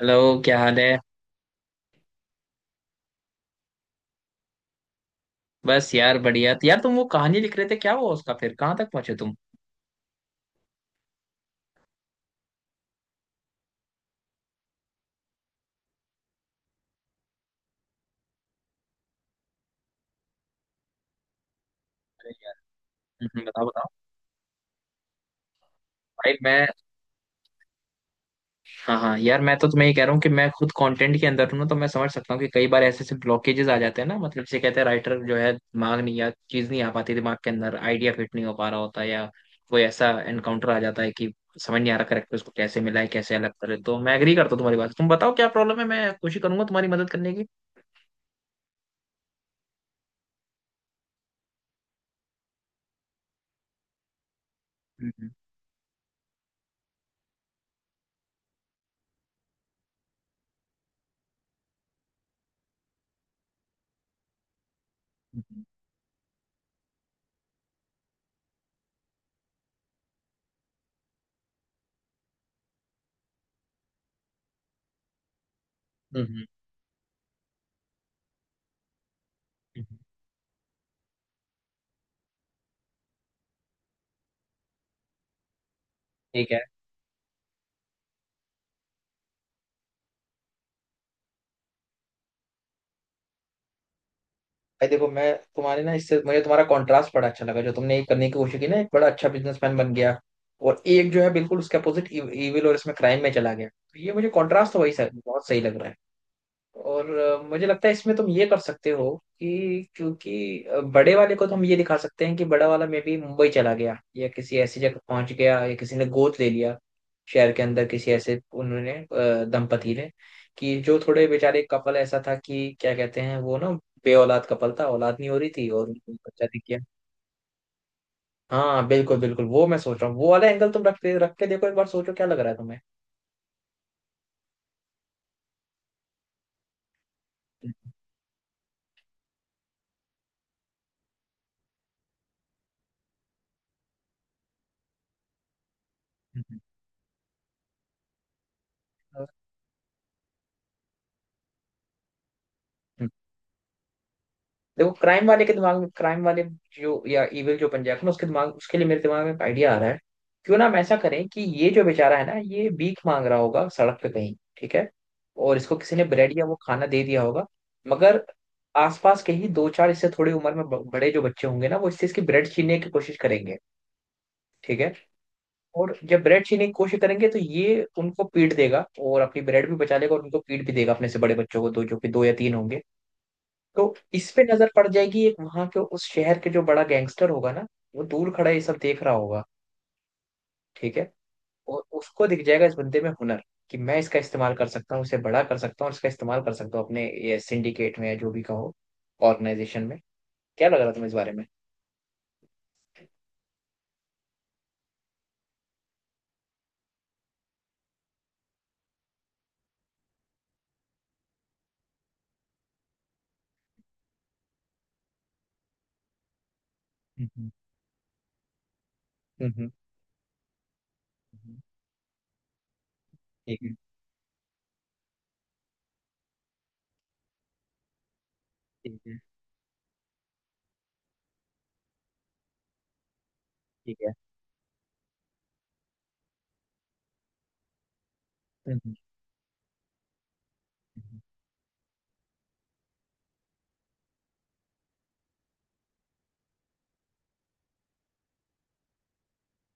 Hello, क्या हाल है। बस यार बढ़िया। तो यार, तुम वो कहानी लिख रहे थे, क्या हुआ उसका फिर? कहाँ तक पहुंचे तुम? बताओ बताओ। भाई मैं। हाँ हाँ यार, मैं तो तुम्हें ये कह रहा हूँ कि मैं खुद कंटेंट के अंदर हूँ ना, तो मैं समझ सकता हूँ कि कई बार ऐसे ऐसे ब्लॉकेजेस आ जाते हैं ना। मतलब जैसे कहते हैं, राइटर जो है दिमाग नहीं या चीज नहीं आ पाती, दिमाग के अंदर आइडिया फिट नहीं हो पा रहा होता, या कोई ऐसा एनकाउंटर आ जाता है कि समझ नहीं आ रहा करेक्टर उसको कैसे मिला है, कैसे अलग करे। तो मैं एग्री करता हूँ तुम्हारी बात से। तुम बताओ क्या प्रॉब्लम है, मैं कोशिश करूंगा तुम्हारी मदद करने की। हम्म, हम्म, हम्म, हम्म, हम्म, हम्म। ठीक है। भाई देखो मैं। तुम्हारे ना, इससे मुझे तुम्हारा कंट्रास्ट बड़ा अच्छा लगा, जो तुमने ये करने की कोशिश की ना, एक बड़ा अच्छा बिजनेसमैन बन गया, और एक जो है बिल्कुल उसके अपोजिट इविल और इसमें क्राइम में चला गया। तो ये मुझे कंट्रास्ट तो वही सर बहुत सही लग रहा है। और मुझे लगता है इसमें तुम ये कर सकते हो कि क्योंकि बड़े वाले को तो हम ये दिखा सकते हैं कि बड़ा वाला में भी मुंबई चला गया या किसी ऐसी जगह पहुंच गया, या किसी ने गोद ले लिया शहर के अंदर, किसी ऐसे उन्होंने दंपति ने, कि जो थोड़े बेचारे कपल ऐसा था कि क्या कहते हैं वो ना, बे औलाद कपल था, औलाद नहीं हो रही थी और उनको बच्चा दिख गया। हाँ बिल्कुल बिल्कुल, वो मैं सोच रहा हूँ, वो वाला एंगल तुम रख रख के देखो एक बार, सोचो क्या लग रहा है तुम्हें। हम्म, हम्म, हम्म। देखो क्राइम वाले के दिमाग में, क्राइम वाले जो या इविल जो बन जाएगा ना, उसके दिमाग, उसके लिए मेरे दिमाग में एक आइडिया आ रहा है। क्यों ना हम ऐसा करें कि ये जो बेचारा है ना, ये भीख मांग रहा होगा सड़क पे कहीं, ठीक है। और इसको किसी ने ब्रेड या वो खाना दे दिया होगा। मगर आसपास के ही दो चार, इससे थोड़ी उम्र में बड़े जो बच्चे होंगे ना, वो इससे इसकी ब्रेड छीनने की कोशिश करेंगे, ठीक है। और जब ब्रेड छीनने की कोशिश करेंगे, तो ये उनको पीट देगा और अपनी ब्रेड भी बचा लेगा और उनको पीट भी देगा, अपने से बड़े बच्चों को, दो जो कि दो या तीन होंगे। तो इस पे नजर पड़ जाएगी एक वहां के उस शहर के जो बड़ा गैंगस्टर होगा ना, वो दूर खड़ा ये सब देख रहा होगा, ठीक है। और उसको दिख जाएगा इस बंदे में हुनर, कि मैं इसका इस्तेमाल कर सकता हूँ, इसे बड़ा कर सकता हूँ और इसका इस्तेमाल कर सकता हूँ अपने ये सिंडिकेट में, या जो भी कहो, ऑर्गेनाइजेशन में। क्या लग रहा तुम्हें इस बारे में? हम्म, हम्म, हम्म। ठीक है, ठीक है, ठीक है। हम्म, हम्म, हम्म,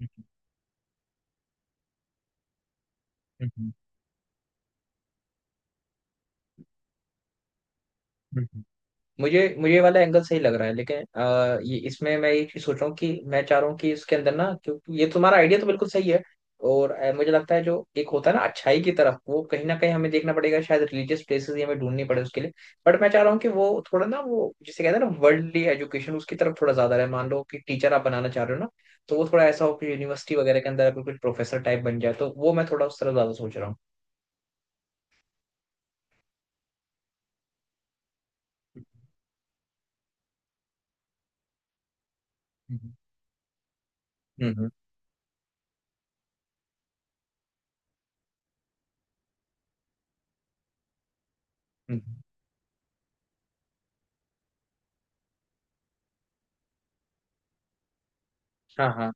हम्म, हम्म, हम्म, हम्म। मुझे मुझे ये वाला एंगल सही लग रहा है, लेकिन ये इसमें मैं ये चीज सोच रहा हूँ कि मैं चाह रहा हूँ कि इसके अंदर ना, क्योंकि ये तुम्हारा आइडिया तो बिल्कुल सही है। और मुझे लगता है, जो एक होता है ना अच्छाई की तरफ, वो कहीं ना कहीं हमें देखना पड़ेगा, शायद रिलीजियस प्लेसेस ही हमें ढूंढनी पड़े उसके लिए। बट मैं चाह रहा हूँ कि वो थोड़ा ना, वो जिसे कहते हैं ना वर्ल्डली एजुकेशन, उसकी तरफ थोड़ा ज्यादा रहे। मान लो कि टीचर आप बनाना चाह रहे हो ना, तो वो थोड़ा ऐसा हो कि यूनिवर्सिटी वगैरह के अंदर अगर कुछ प्रोफेसर टाइप बन जाए, तो वो मैं थोड़ा उस तरफ ज्यादा सोच रहा हूँ। हम्म। हम्म, हम्म, हम्म। हाँ, हाँ।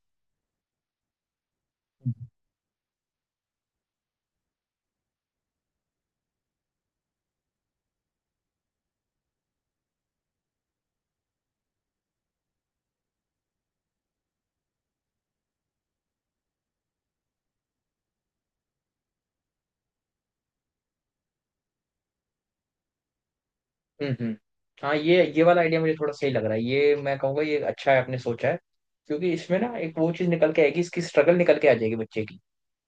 हम्म, हम्म। हाँ, ये वाला आइडिया मुझे थोड़ा सही लग रहा है, ये मैं कहूँगा ये अच्छा है आपने सोचा है। क्योंकि इसमें ना एक वो चीज निकल के आएगी, इसकी स्ट्रगल निकल के आ जाएगी बच्चे की,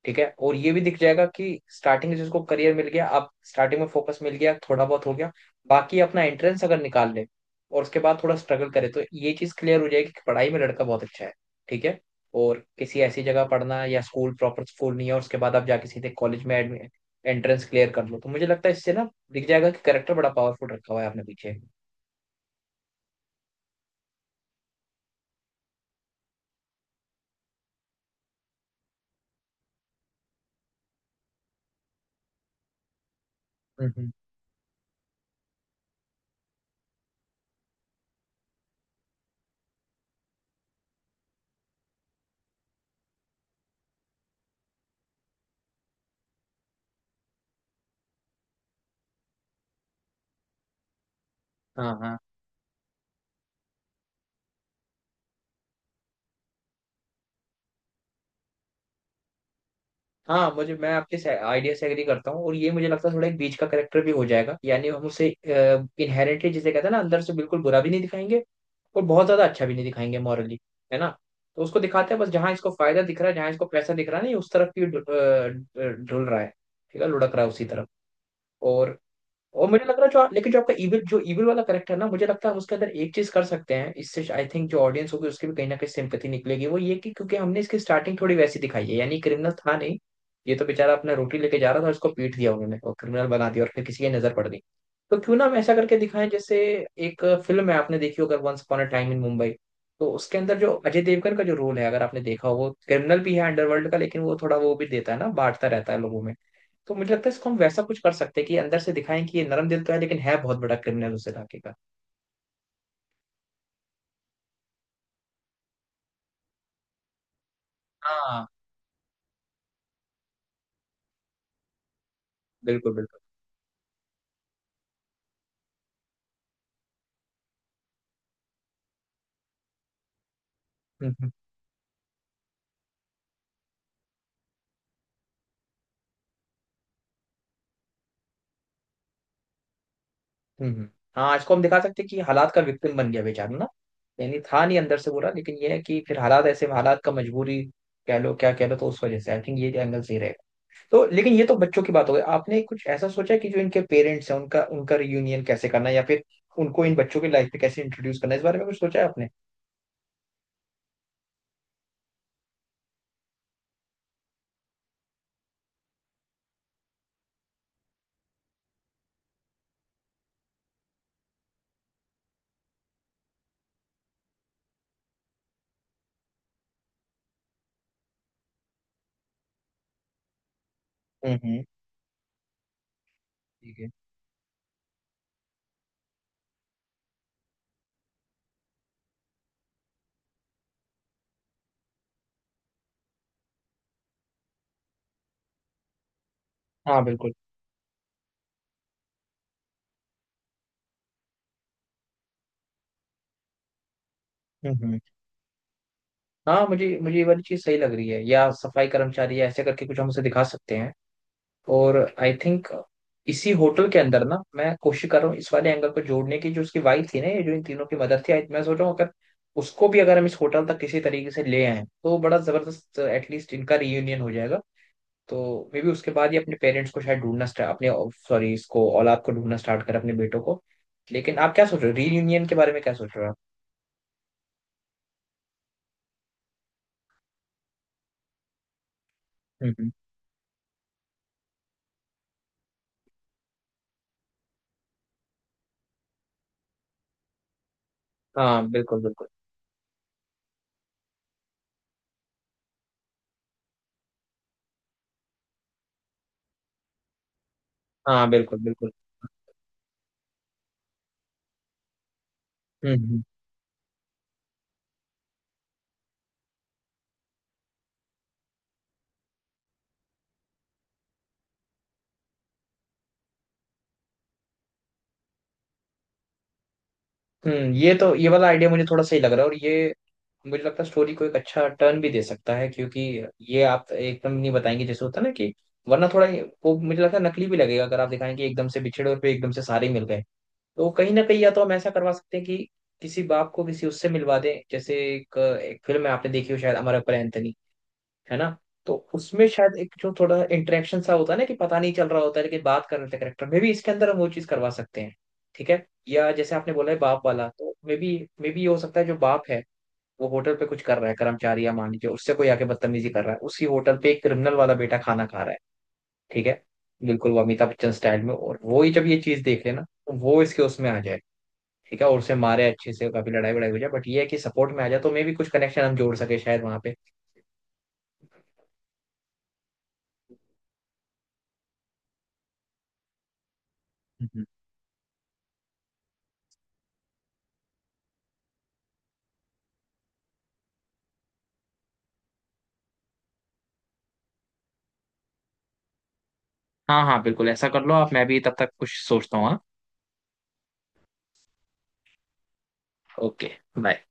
ठीक है। और ये भी दिख जाएगा कि स्टार्टिंग जिसको करियर मिल गया, आप स्टार्टिंग में फोकस मिल गया, थोड़ा बहुत हो गया, बाकी अपना एंट्रेंस अगर निकाल ले और उसके बाद थोड़ा स्ट्रगल करे, तो ये चीज क्लियर हो जाएगी कि पढ़ाई में लड़का बहुत अच्छा है, ठीक है। और किसी ऐसी जगह पढ़ना, या स्कूल प्रॉपर स्कूल नहीं है, और उसके बाद आप जाके सीधे कॉलेज में एंट्रेंस क्लियर कर लो, तो मुझे लगता है इससे ना दिख जाएगा कि करेक्टर बड़ा पावरफुल रखा हुआ है आपने पीछे। हम्म, हम्म। हाँ, हाँ। हाँ, मुझे मैं आपके आइडिया से एग्री करता हूँ, और ये मुझे लगता है थोड़ा एक बीच का करेक्टर भी हो जाएगा, यानी हम उसे इनहेरेंटली जिसे कहते हैं ना, अंदर से बिल्कुल बुरा भी नहीं दिखाएंगे, और बहुत ज्यादा अच्छा भी नहीं दिखाएंगे मॉरली, है ना। तो उसको दिखाते हैं बस, जहाँ इसको फायदा दिख रहा है, जहाँ इसको पैसा दिख रहा है, नहीं उस तरफ ही ढुल रहा है, ठीक है, लुढ़क रहा है उसी तरफ। और और मुझे लग रहा है, जो लेकिन जो आपका इविल, जो इविल वाला करेक्टर है ना, मुझे लगता है हम उसके अंदर एक चीज कर सकते हैं, इससे आई थिंक जो ऑडियंस होगी उसकी भी कहीं ना कहीं सिंपैथी निकलेगी। वो ये कि क्योंकि हमने इसकी स्टार्टिंग थोड़ी वैसी दिखाई है, यानी क्रिमिनल था नहीं, ये तो बेचारा अपना रोटी लेके जा रहा था, उसको पीट दिया उन्होंने और क्रिमिनल बना दिया, और फिर किसी की नजर पड़ गई। तो क्यों ना हम ऐसा करके दिखाएं, जैसे एक फिल्म है आपने देखी हो अगर, once upon a time in Mumbai. तो उसके अंदर जो अजय देवगन का जो रोल है, अगर आपने देखा हो, वो क्रिमिनल भी है अंडरवर्ल्ड का, लेकिन वो थोड़ा वो भी देता है ना, बांटता रहता है लोगों में। तो मुझे लगता है इसको हम वैसा कुछ कर सकते हैं कि अंदर से दिखाएं कि ये नरम दिल तो है, लेकिन है बहुत बड़ा क्रिमिनल उस इलाके का। हाँ बिल्कुल बिल्कुल। हम्म, हम्म, हाँ, इसको हम दिखा सकते हैं कि हालात का विक्टिम बन गया बेचारा ना, यानी था नहीं अंदर से बुरा, लेकिन ये है कि फिर हालात ऐसे, हालात का, मजबूरी कह लो क्या कह लो, तो उस वजह से आई थिंक ये एंगल सही रहेगा। तो लेकिन ये तो बच्चों की बात हो गई, आपने कुछ ऐसा सोचा कि जो इनके पेरेंट्स हैं, उनका उनका रियूनियन कैसे करना है, या फिर उनको इन बच्चों की लाइफ में कैसे इंट्रोड्यूस करना है, इस बारे में कुछ सोचा है आपने? हम्म, हम्म। ठीक है। हाँ बिल्कुल। हम्म, हम्म। हाँ, मुझे मुझे ये वाली चीज सही लग रही है, या सफाई कर्मचारी, या ऐसे करके कुछ हम उसे दिखा सकते हैं। और आई थिंक, इसी होटल के अंदर ना मैं कोशिश कर रहा हूँ इस वाले एंगल को जोड़ने की, जो उसकी वाइफ थी ना, ये जो इन तीनों की मदर थी, मैं सोच रहा हूँ, अगर उसको भी अगर हम इस होटल तक किसी तरीके से ले आए, तो बड़ा जबरदस्त, एटलीस्ट इनका रियूनियन हो जाएगा। तो मे बी उसके बाद ही अपने पेरेंट्स को शायद ढूंढना स्टार्ट अपने, सॉरी, इसको औलाद को ढूंढना स्टार्ट कर, अपने बेटों को। लेकिन आप क्या सोच रहे हो रीयूनियन के बारे में, क्या सोच रहे हो आप? हम्म, हाँ बिल्कुल बिल्कुल। हाँ बिल्कुल बिल्कुल। हम्म, हम्म, हम्म। ये तो ये वाला आइडिया मुझे थोड़ा सही लग रहा है, और ये मुझे लगता है स्टोरी को एक अच्छा टर्न भी दे सकता है, क्योंकि ये आप एकदम नहीं बताएंगे जैसे होता है ना कि, वरना थोड़ा वो मुझे लगता है नकली भी लगेगा अगर आप दिखाएं कि एकदम से बिछड़े और फिर एकदम से सारे मिल गए। तो कहीं ना कहीं, या तो हम ऐसा करवा सकते हैं कि किसी बाप को किसी उससे मिलवा दें। जैसे एक फिल्म है आपने देखी हो शायद, अमर अकबर एंथनी, है ना। तो उसमें शायद एक जो थोड़ा इंटरेक्शन सा होता है ना, कि पता नहीं चल रहा होता है लेकिन बात कर रहे थे करेक्टर मे भी, इसके अंदर हम वो चीज करवा सकते हैं, ठीक है। या जैसे आपने बोला है बाप वाला, तो मे बी ये हो सकता है, जो बाप है वो होटल पे कुछ कर रहा है कर्मचारी, या मान लीजिए उससे कोई आके बदतमीजी कर रहा है उसी होटल पे, एक क्रिमिनल वाला बेटा खाना खा रहा है, ठीक है। बिल्कुल वो अमिताभ बच्चन स्टाइल में, और वो ही जब ये चीज देख लेना, तो वो इसके उसमें आ जाए, ठीक है। और उसे मारे अच्छे से, काफी लड़ाई वड़ाई हो जाए, बट ये है कि सपोर्ट में आ जाए, तो मे भी कुछ कनेक्शन हम जोड़ सके शायद वहां पे। हाँ हाँ बिल्कुल, ऐसा कर लो आप, मैं भी तब तक कुछ सोचता हूँ, हाँ। ओके। बाय।